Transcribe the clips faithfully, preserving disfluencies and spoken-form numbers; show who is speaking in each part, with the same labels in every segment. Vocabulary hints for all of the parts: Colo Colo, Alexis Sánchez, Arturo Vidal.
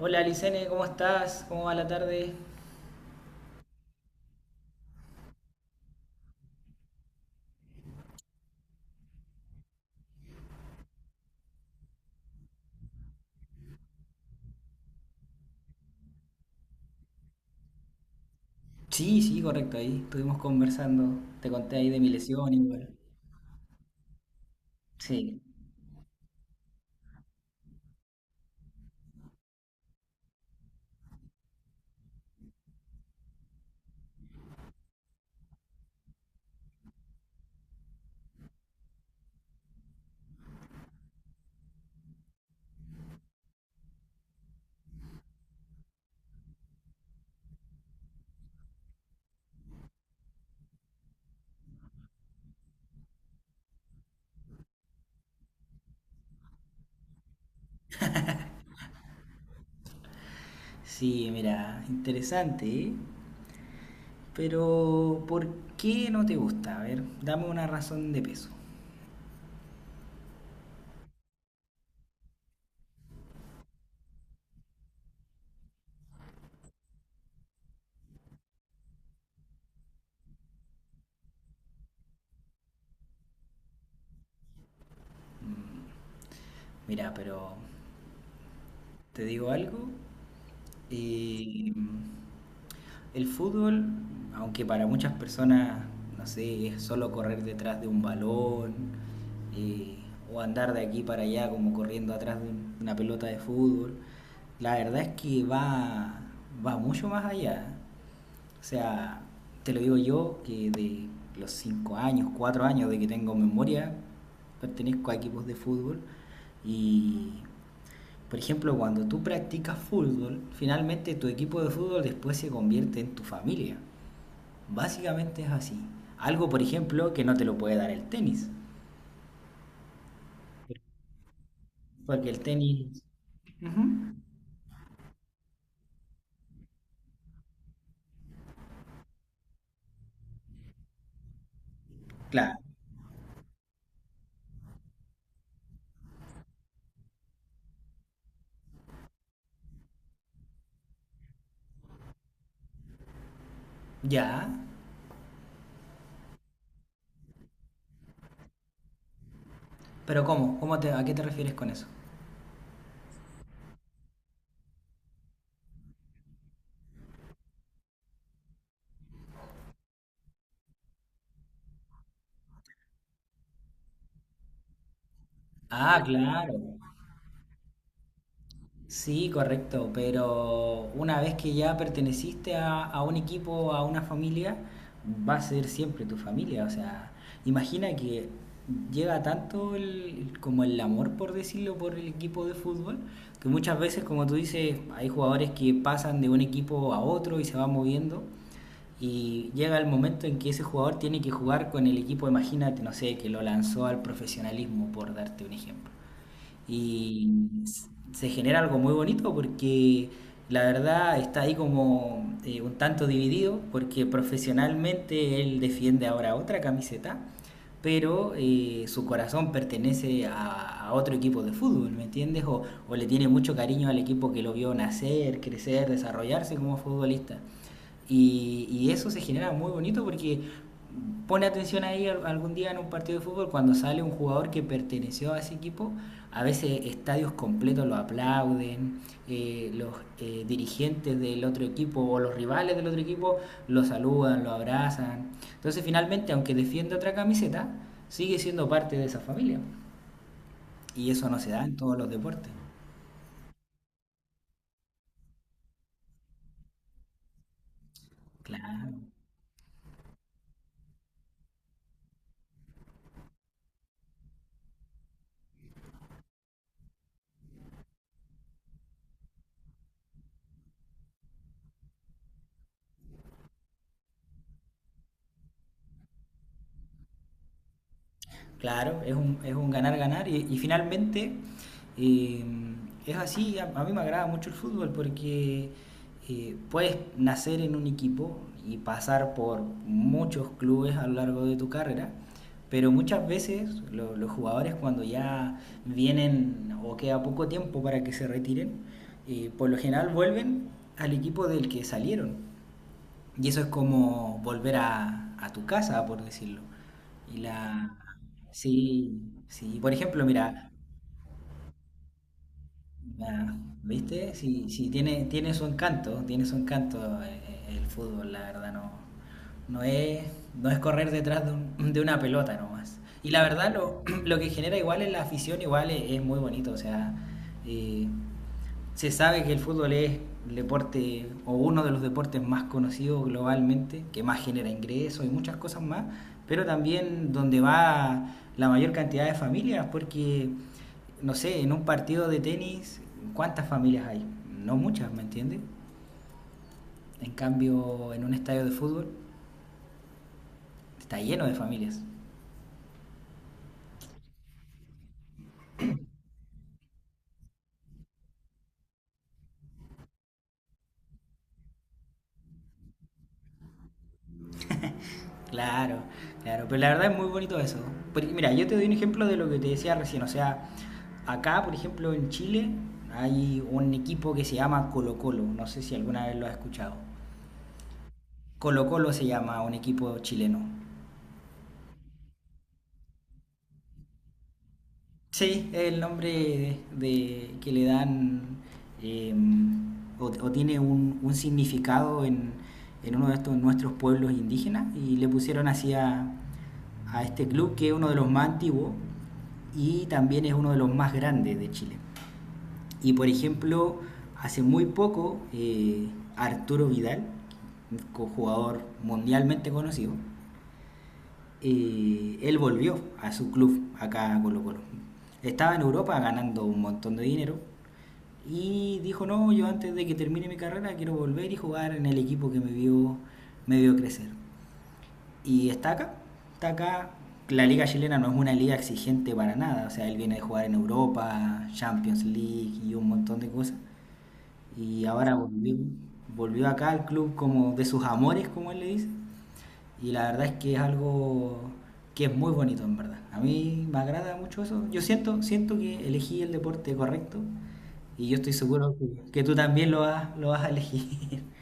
Speaker 1: Hola Licene, ¿cómo estás? ¿Cómo va la tarde? Sí, sí, correcto, ahí estuvimos conversando. Te conté ahí de mi lesión igual. Sí, sí, mira, interesante, ¿eh? Pero, ¿por qué no te gusta? A ver, dame una razón de peso. Mira, pero te digo algo, eh, el fútbol, aunque para muchas personas, no sé, es solo correr detrás de un balón eh, o andar de aquí para allá como corriendo atrás de un- una pelota de fútbol, la verdad es que va, va mucho más allá. O sea, te lo digo yo que de los cinco años, cuatro años de que tengo memoria, pertenezco a equipos de fútbol y, por ejemplo, cuando tú practicas fútbol, finalmente tu equipo de fútbol después se convierte en tu familia. Básicamente es así. Algo, por ejemplo, que no te lo puede dar el tenis. Porque el tenis... Ujú. Claro. Ya. Pero ¿cómo? ¿Cómo te, ¿A qué te refieres con eso? Ah, claro. Sí, correcto, pero una vez que ya perteneciste a, a un equipo, a una familia, va a ser siempre tu familia. O sea, imagina que llega tanto el, como el amor, por decirlo, por el equipo de fútbol, que muchas veces, como tú dices, hay jugadores que pasan de un equipo a otro y se van moviendo. Y llega el momento en que ese jugador tiene que jugar con el equipo, imagínate, no sé, que lo lanzó al profesionalismo, por darte un ejemplo, y se genera algo muy bonito porque la verdad está ahí como eh, un tanto dividido porque profesionalmente él defiende ahora otra camiseta, pero eh, su corazón pertenece a, a otro equipo de fútbol, ¿me entiendes? O, o le tiene mucho cariño al equipo que lo vio nacer, crecer, desarrollarse como futbolista. Y, y eso se genera muy bonito porque pone atención ahí algún día en un partido de fútbol cuando sale un jugador que perteneció a ese equipo, a veces estadios completos lo aplauden, eh, los eh, dirigentes del otro equipo o los rivales del otro equipo lo saludan, lo abrazan. Entonces finalmente, aunque defienda otra camiseta, sigue siendo parte de esa familia. Y eso no se da en todos los deportes. Claro. Claro, es un, es un ganar, ganar. Y, y finalmente, eh, es así, a, a mí me agrada mucho el fútbol porque, eh, puedes nacer en un equipo y pasar por muchos clubes a lo largo de tu carrera, pero muchas veces lo- los jugadores cuando ya vienen o queda poco tiempo para que se retiren, eh, por lo general vuelven al equipo del que salieron. Y eso es como volver a, a tu casa, por decirlo. Y la... Sí, sí. Por ejemplo, mira, la- ¿viste? Sí, sí, tiene, tiene su encanto, tiene su encanto, eh, eh, el fútbol, la verdad, no, no es, no es correr detrás de, un- de una pelota nomás. Y la verdad, lo, lo que genera igual en la afición, igual es, es muy bonito, o sea, eh, se sabe que el fútbol es el deporte o uno de los deportes más conocidos globalmente, que más genera ingresos y muchas cosas más, pero también donde va la mayor cantidad de familias, porque, no sé, en un partido de tenis, ¿cuántas familias hay? No muchas, ¿me entiendes? En cambio, en un estadio de fútbol está lleno de familias. Claro, claro, pero la verdad es muy bonito eso. Por- mira, yo te doy un ejemplo de lo que te decía recién, o sea, acá, por ejemplo, en Chile hay un equipo que se llama Colo Colo, no sé si alguna vez lo has escuchado. Colo Colo se llama un equipo chileno. Sí, es el nombre de, de- que le dan, eh, o, o tiene un, un significado en, en uno de estos nuestros pueblos indígenas y le pusieron así a, a este club que es uno de los más antiguos y también es uno de los más grandes de Chile. Y, por ejemplo, hace muy poco, eh, Arturo Vidal, co- jugador mundialmente conocido, y él volvió a su club acá a Colo Colo. Estaba en Europa ganando un montón de dinero y dijo, no, yo antes de que termine mi carrera quiero volver y jugar en el equipo que me vio, me vio crecer. Y está acá, está acá. La liga chilena no es una liga exigente para nada, o sea, él viene de jugar en Europa, Champions League y un montón de cosas. Y ahora volvió, volvió acá al club como de sus amores, como él le dice, y la verdad es que es algo que es muy bonito, en verdad. A mí me agrada mucho eso. Yo siento, siento que elegí el deporte correcto y yo estoy seguro que, que tú también lo vas, lo vas a elegir.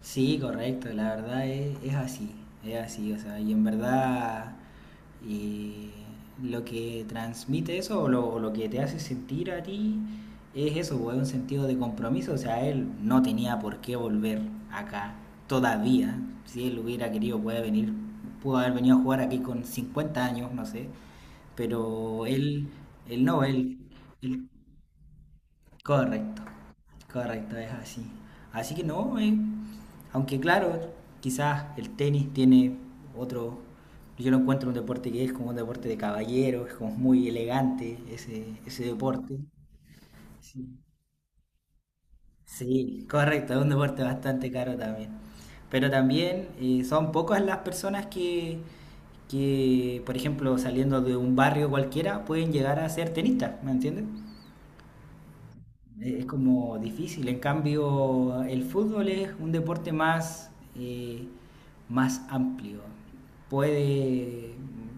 Speaker 1: Sí, correcto, la verdad es, es así, es así, o sea, y en verdad, eh, lo que transmite eso o lo, o lo que te hace sentir a ti es eso, pues, es un sentido de compromiso, o sea, él no tenía por qué volver acá todavía, si él hubiera querido puede venir, pudo haber venido a jugar aquí con cincuenta años, no sé, pero él, él no, él, él correcto, correcto, es así. Así que no, eh, aunque claro, quizás el tenis tiene otro, yo lo encuentro un deporte que es como un deporte de caballero, es como muy elegante ese, ese deporte. Sí. Sí, correcto, es un deporte bastante caro también. Pero también, eh, son pocas las personas que, que, por ejemplo, saliendo de un barrio cualquiera, pueden llegar a ser tenistas, ¿me entiendes? Es como difícil. En cambio, el fútbol es un deporte más, eh, más amplio. Puede.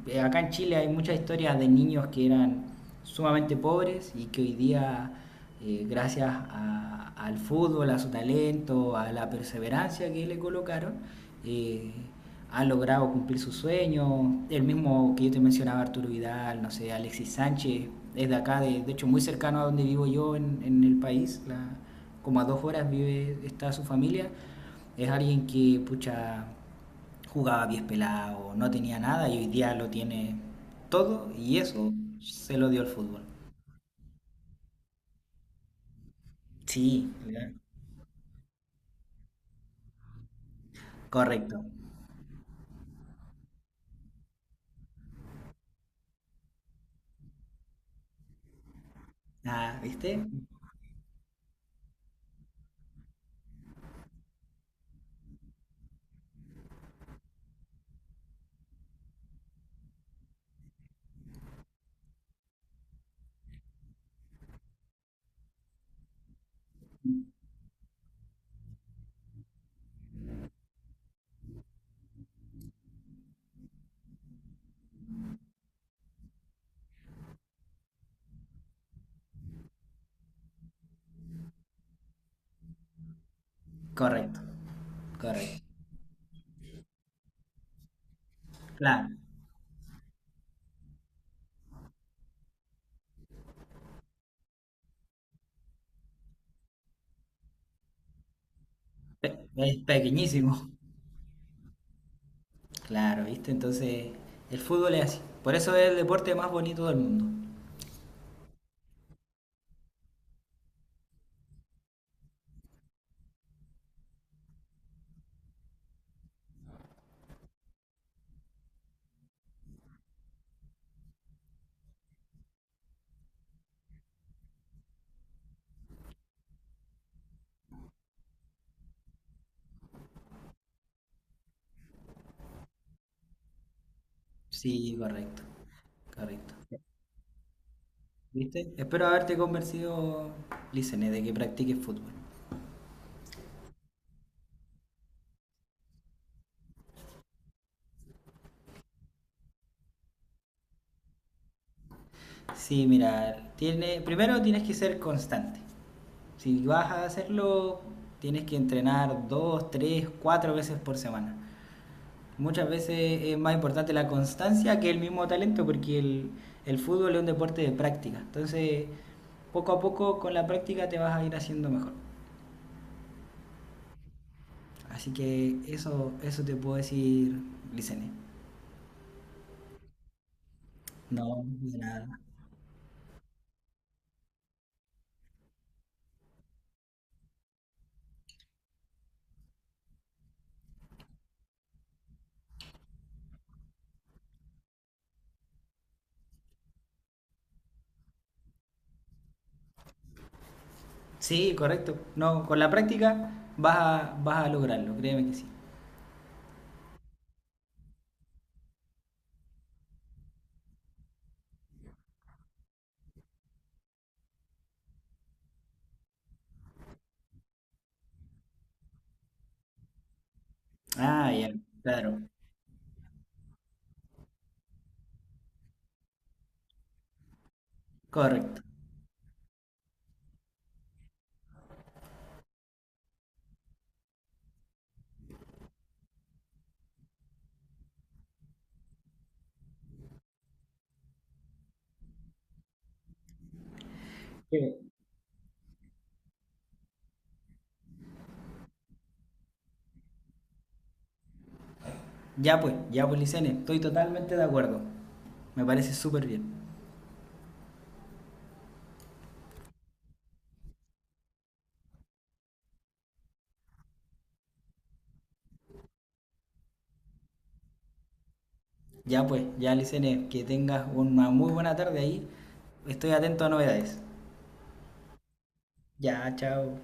Speaker 1: eh, Acá en Chile hay muchas historias de niños que eran sumamente pobres y que hoy día, eh, gracias a- al fútbol, a su talento, a la perseverancia que le colocaron, eh, han logrado cumplir sus sueños. El mismo que yo te mencionaba, Arturo Vidal, no sé, Alexis Sánchez, es de acá, de, de hecho muy cercano a donde vivo yo en, en el país, la- como a dos horas vive, está su familia. Es alguien que, pucha, jugaba pies pelados, no tenía nada y hoy día lo tiene todo y eso se lo dio el fútbol. Sí, ¿verdad? Correcto. Ah, ¿viste? Correcto, correcto. Claro, pe- es pequeñísimo. Claro, ¿viste? Entonces, el fútbol es así. Por eso es el deporte más bonito del mundo. Sí, correcto, correcto. ¿Viste? Espero haberte convencido, Licene, de que practiques fútbol. Sí, mira, tiene, primero tienes que ser constante. Si vas a hacerlo, tienes que entrenar dos, tres, cuatro veces por semana. Muchas veces es más importante la constancia que el mismo talento, porque el, el fútbol es un deporte de práctica. Entonces, poco a poco con la práctica te vas a ir haciendo mejor. Así que eso, eso te puedo decir, Licene. No, de nada. Sí, correcto. No, con la práctica vas a, vas a lograrlo, créeme que sí. Ah, ya, claro. Correcto. Sí. Ya pues, ya pues, Licene, estoy totalmente de acuerdo. Me parece súper bien. Ya pues, ya Licene, que tengas una muy buena tarde ahí. Estoy atento a novedades. Ya, chao.